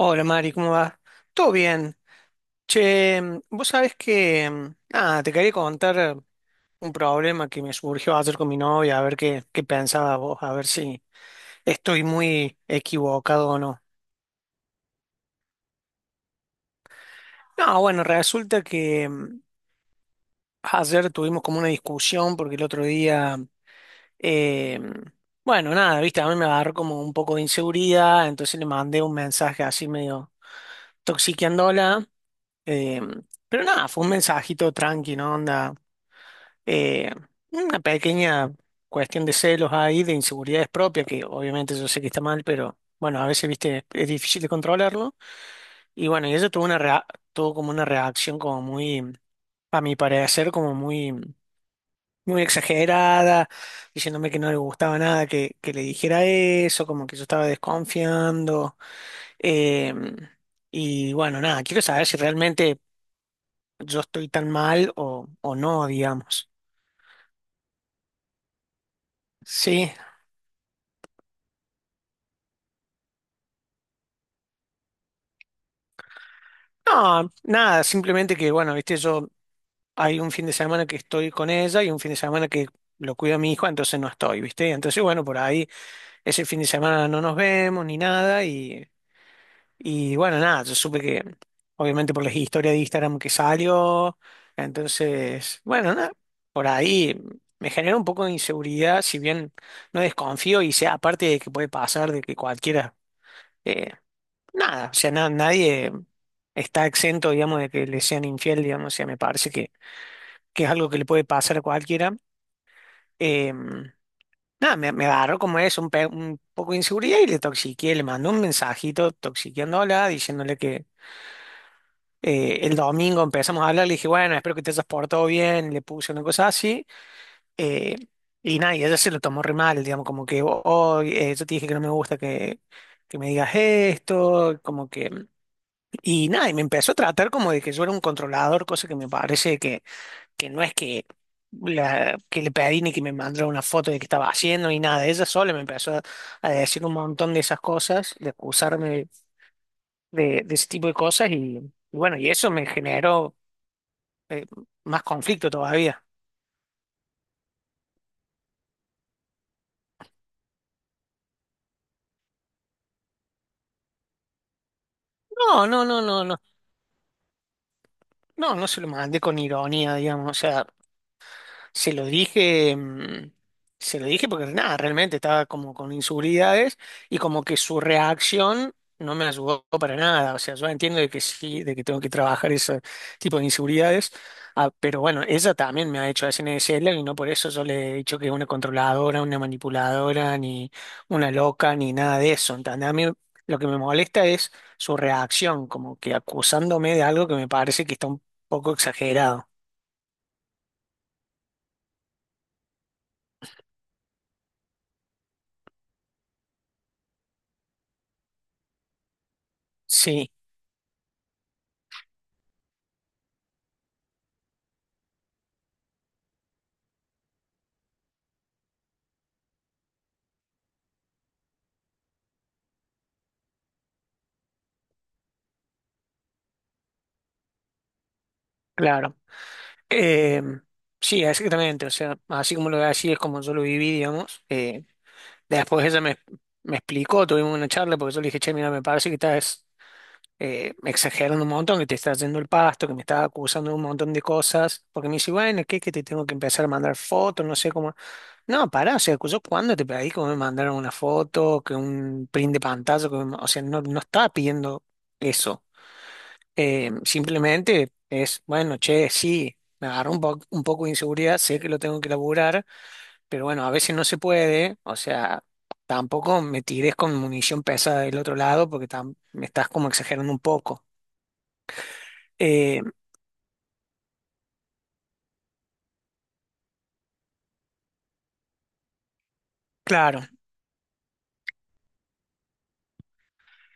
Hola Mari, ¿cómo vas? Todo bien. Che, vos sabés que, nada, te quería contar un problema que me surgió ayer con mi novia, a ver qué pensaba vos, a ver si estoy muy equivocado o no. No, bueno, resulta que ayer tuvimos como una discusión porque el otro día Eh, bueno, nada, viste, a mí me agarró como un poco de inseguridad, entonces le mandé un mensaje así medio toxiqueándola. eh, pero nada, fue un mensajito tranqui, ¿no? Onda, eh, una pequeña cuestión de celos ahí, de inseguridades propias, que obviamente yo sé que está mal, pero bueno, a veces, viste, es difícil de controlarlo. Y bueno, y ella tuvo tuvo como una reacción como muy, a mi parecer, como muy muy exagerada, diciéndome que no le gustaba nada que, le dijera eso, como que yo estaba desconfiando. Eh, y bueno, nada, quiero saber si realmente yo estoy tan mal o, no, digamos. Sí, no, nada, simplemente que, bueno, viste, yo hay un fin de semana que estoy con ella y un fin de semana que lo cuido a mi hijo, entonces no estoy, viste. Entonces, bueno, por ahí ese fin de semana no nos vemos ni nada. Y Y bueno, nada, yo supe que, obviamente por las historias de Instagram que salió, entonces, bueno, nada, por ahí me genera un poco de inseguridad, si bien no desconfío y sea aparte de que puede pasar, de que cualquiera, eh, nada, o sea, nadie está exento, digamos, de que le sean infiel, digamos, o sea, me parece que, es algo que le puede pasar a cualquiera. Eh, Nada, me agarró como es, un poco de inseguridad y le toxiqué, le mandé un mensajito toxiqueándola, diciéndole que el domingo empezamos a hablar, le dije, bueno, espero que te hayas portado bien, le puse una cosa así. eh, y nada, y ella se lo tomó re mal, digamos, como que, oh, yo te dije que no me gusta que, me digas esto, como que... Y nada, y me empezó a tratar como de que yo era un controlador, cosa que me parece que, no es que, que le pedí ni que me mandara una foto de qué estaba haciendo ni nada. Ella sola me empezó a decir un montón de esas cosas, de acusarme de ese tipo de cosas y bueno, y eso me generó eh, más conflicto todavía. No, no, no, no, no. No, no se lo mandé con ironía, digamos. O sea, se lo dije, se lo dije porque nada, realmente estaba como con inseguridades y como que su reacción no me ayudó para nada. O sea, yo entiendo de que sí, de que tengo que trabajar ese tipo de inseguridades, ah, pero bueno, ella también me ha hecho SNSL y no por eso yo le he dicho que es una controladora, una manipuladora, ni una loca, ni nada de eso. ¿Entendés? A mí lo que me molesta es su reacción, como que acusándome de algo que me parece que está un poco exagerado. Sí, claro. Eh, sí, exactamente. O sea, así como lo así es como yo lo viví, digamos. Después ella me explicó, tuvimos una charla porque yo le dije, che, mira, me parece que estás exagerando un montón, que te estás yendo el pasto, que me estás acusando de un montón de cosas. Porque me dice, bueno, ¿qué? Que te tengo que empezar a mandar fotos, no sé cómo. No, pará, o sea, yo cuando te pedí que me mandaron una foto, que un print de pantalla, que me o sea, no, no estaba pidiendo eso. Simplemente es, bueno, che, sí, me agarró un poco de inseguridad, sé que lo tengo que laburar, pero bueno, a veces no se puede, o sea, tampoco me tires con munición pesada del otro lado porque me estás como exagerando un poco. Eh, claro.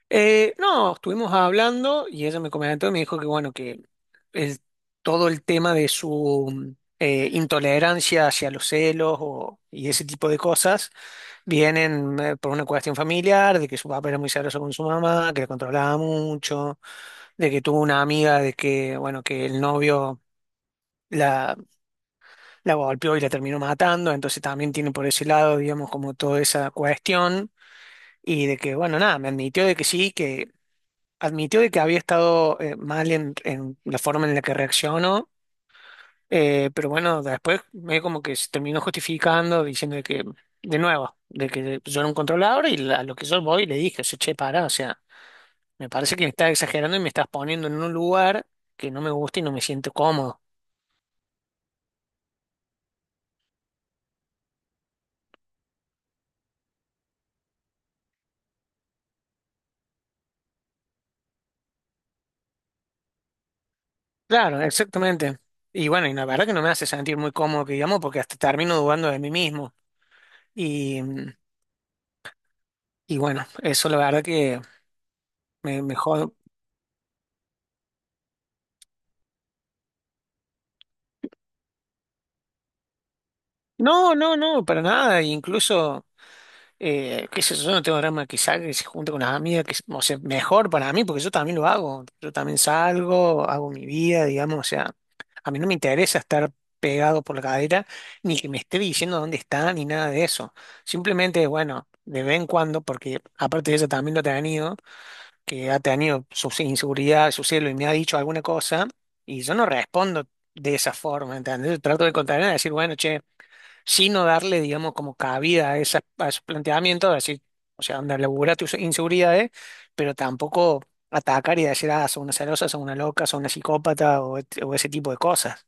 No, estuvimos hablando y ella me comentó y me dijo que bueno, que el- todo el tema de su intolerancia hacia los celos y ese tipo de cosas vienen por una cuestión familiar, de que su papá era muy celoso con su mamá, que la controlaba mucho, de que tuvo una amiga de que, bueno, que el novio la, la golpeó y la terminó matando, entonces también tiene por ese lado, digamos, como toda esa cuestión. Y de que, bueno, nada, me admitió de que sí, admitió de que había estado mal en la forma en la que reaccionó, pero bueno, después medio como que se terminó justificando, diciendo de que, de nuevo, de que yo era un controlador y a lo que yo voy le dije, o sea, che, para, o sea, me parece que me estás exagerando y me estás poniendo en un lugar que no me gusta y no me siento cómodo. Claro, exactamente. Y bueno, y la verdad que no me hace sentir muy cómodo, que digamos, porque hasta termino dudando de mí mismo. Y, y bueno, eso la verdad que me jode. No, no, no, para nada. Incluso qué sé yo, yo no tengo drama que salga, que se junte con las amigas, que, o sea, mejor para mí, porque yo también lo hago. Yo también salgo, hago mi vida, digamos, o sea, a mí no me interesa estar pegado por la cadera, ni que me esté diciendo dónde está, ni nada de eso. Simplemente, bueno, de vez en cuando, porque aparte de ella también lo ha tenido, que ha tenido sus inseguridades, su celo, y me ha dicho alguna cosa, y yo no respondo de esa forma, ¿entendés? Yo trato de contarle, de decir, bueno, che sino darle, digamos, como cabida a, esa, a esos planteamientos, de decir, o sea, anda, labura tus inseguridades, pero tampoco atacar y decir, ah, son una celosa, son una loca, son una psicópata o ese tipo de cosas.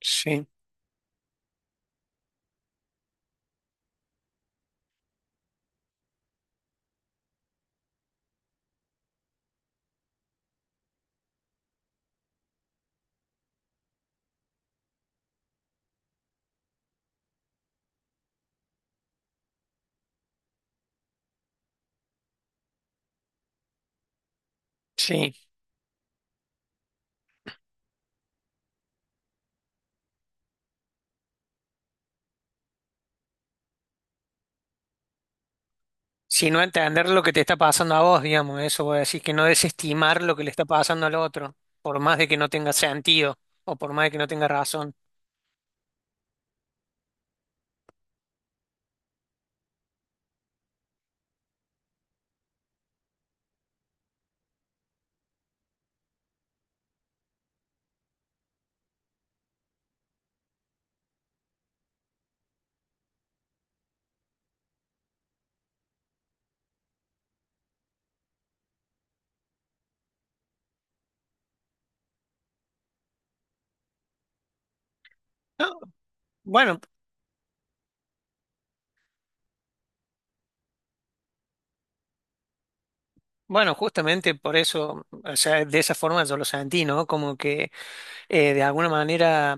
Sí, sí. Si no entender lo que te está pasando a vos, digamos, eso voy a decir, que no desestimar lo que le está pasando al otro, por más de que no tenga sentido o por más de que no tenga razón. No, bueno, bueno, justamente por eso, o sea, de esa forma yo lo sentí, ¿no? Como que de alguna manera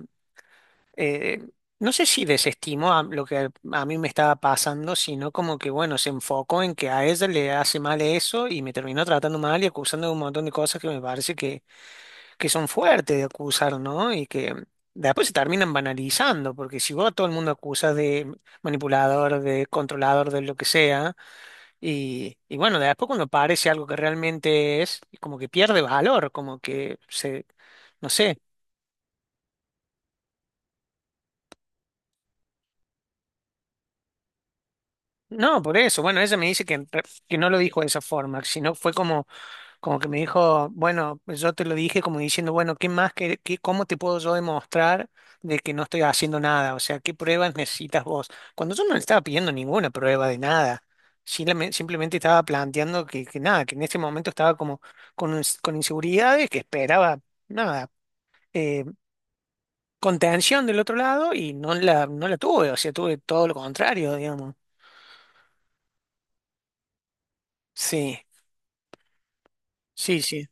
eh, no sé si desestimó a lo que a mí me estaba pasando, sino como que, bueno, se enfocó en que a ella le hace mal eso y me terminó tratando mal y acusando de un montón de cosas que me parece que, son fuertes de acusar, ¿no? Y que después se terminan banalizando, porque si vos a todo el mundo acusas de manipulador, de controlador, de lo que sea, y bueno, después cuando parece algo que realmente es, como que pierde valor, como que se, no sé. No, por eso. Bueno, ella me dice que, que no lo dijo de esa forma, sino fue como, como que me dijo, bueno, pues yo te lo dije como diciendo, bueno, ¿qué más, que qué, cómo te puedo yo demostrar de que no estoy haciendo nada? O sea, ¿qué pruebas necesitas vos? Cuando yo no le estaba pidiendo ninguna prueba de nada, simplemente estaba planteando que, nada, que en ese momento estaba como con inseguridades, que esperaba nada. eh, Contención del otro lado y no la tuve, o sea, tuve todo lo contrario, digamos. Sí, sí, sí.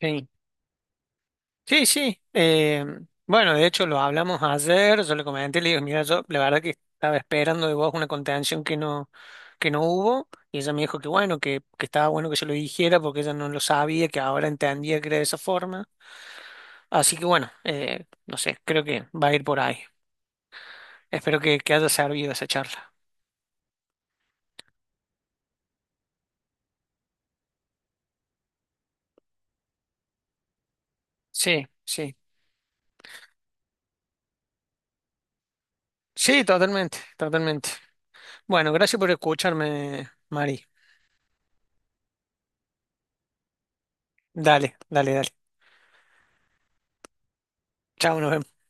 Sí. Sí, sí. Bueno, de hecho lo hablamos ayer, yo le comenté, le digo, mira, yo la verdad que estaba esperando de vos una contención que no hubo, y ella me dijo que bueno, que, estaba bueno que yo lo dijera porque ella no lo sabía, que ahora entendía que era de esa forma. Así que bueno, no sé, creo que va a ir por ahí. Espero que, haya servido esa charla. Sí, sí. Sí, totalmente, totalmente. Bueno, gracias por escucharme, Mari. Dale, dale, dale. Chao, nos vemos.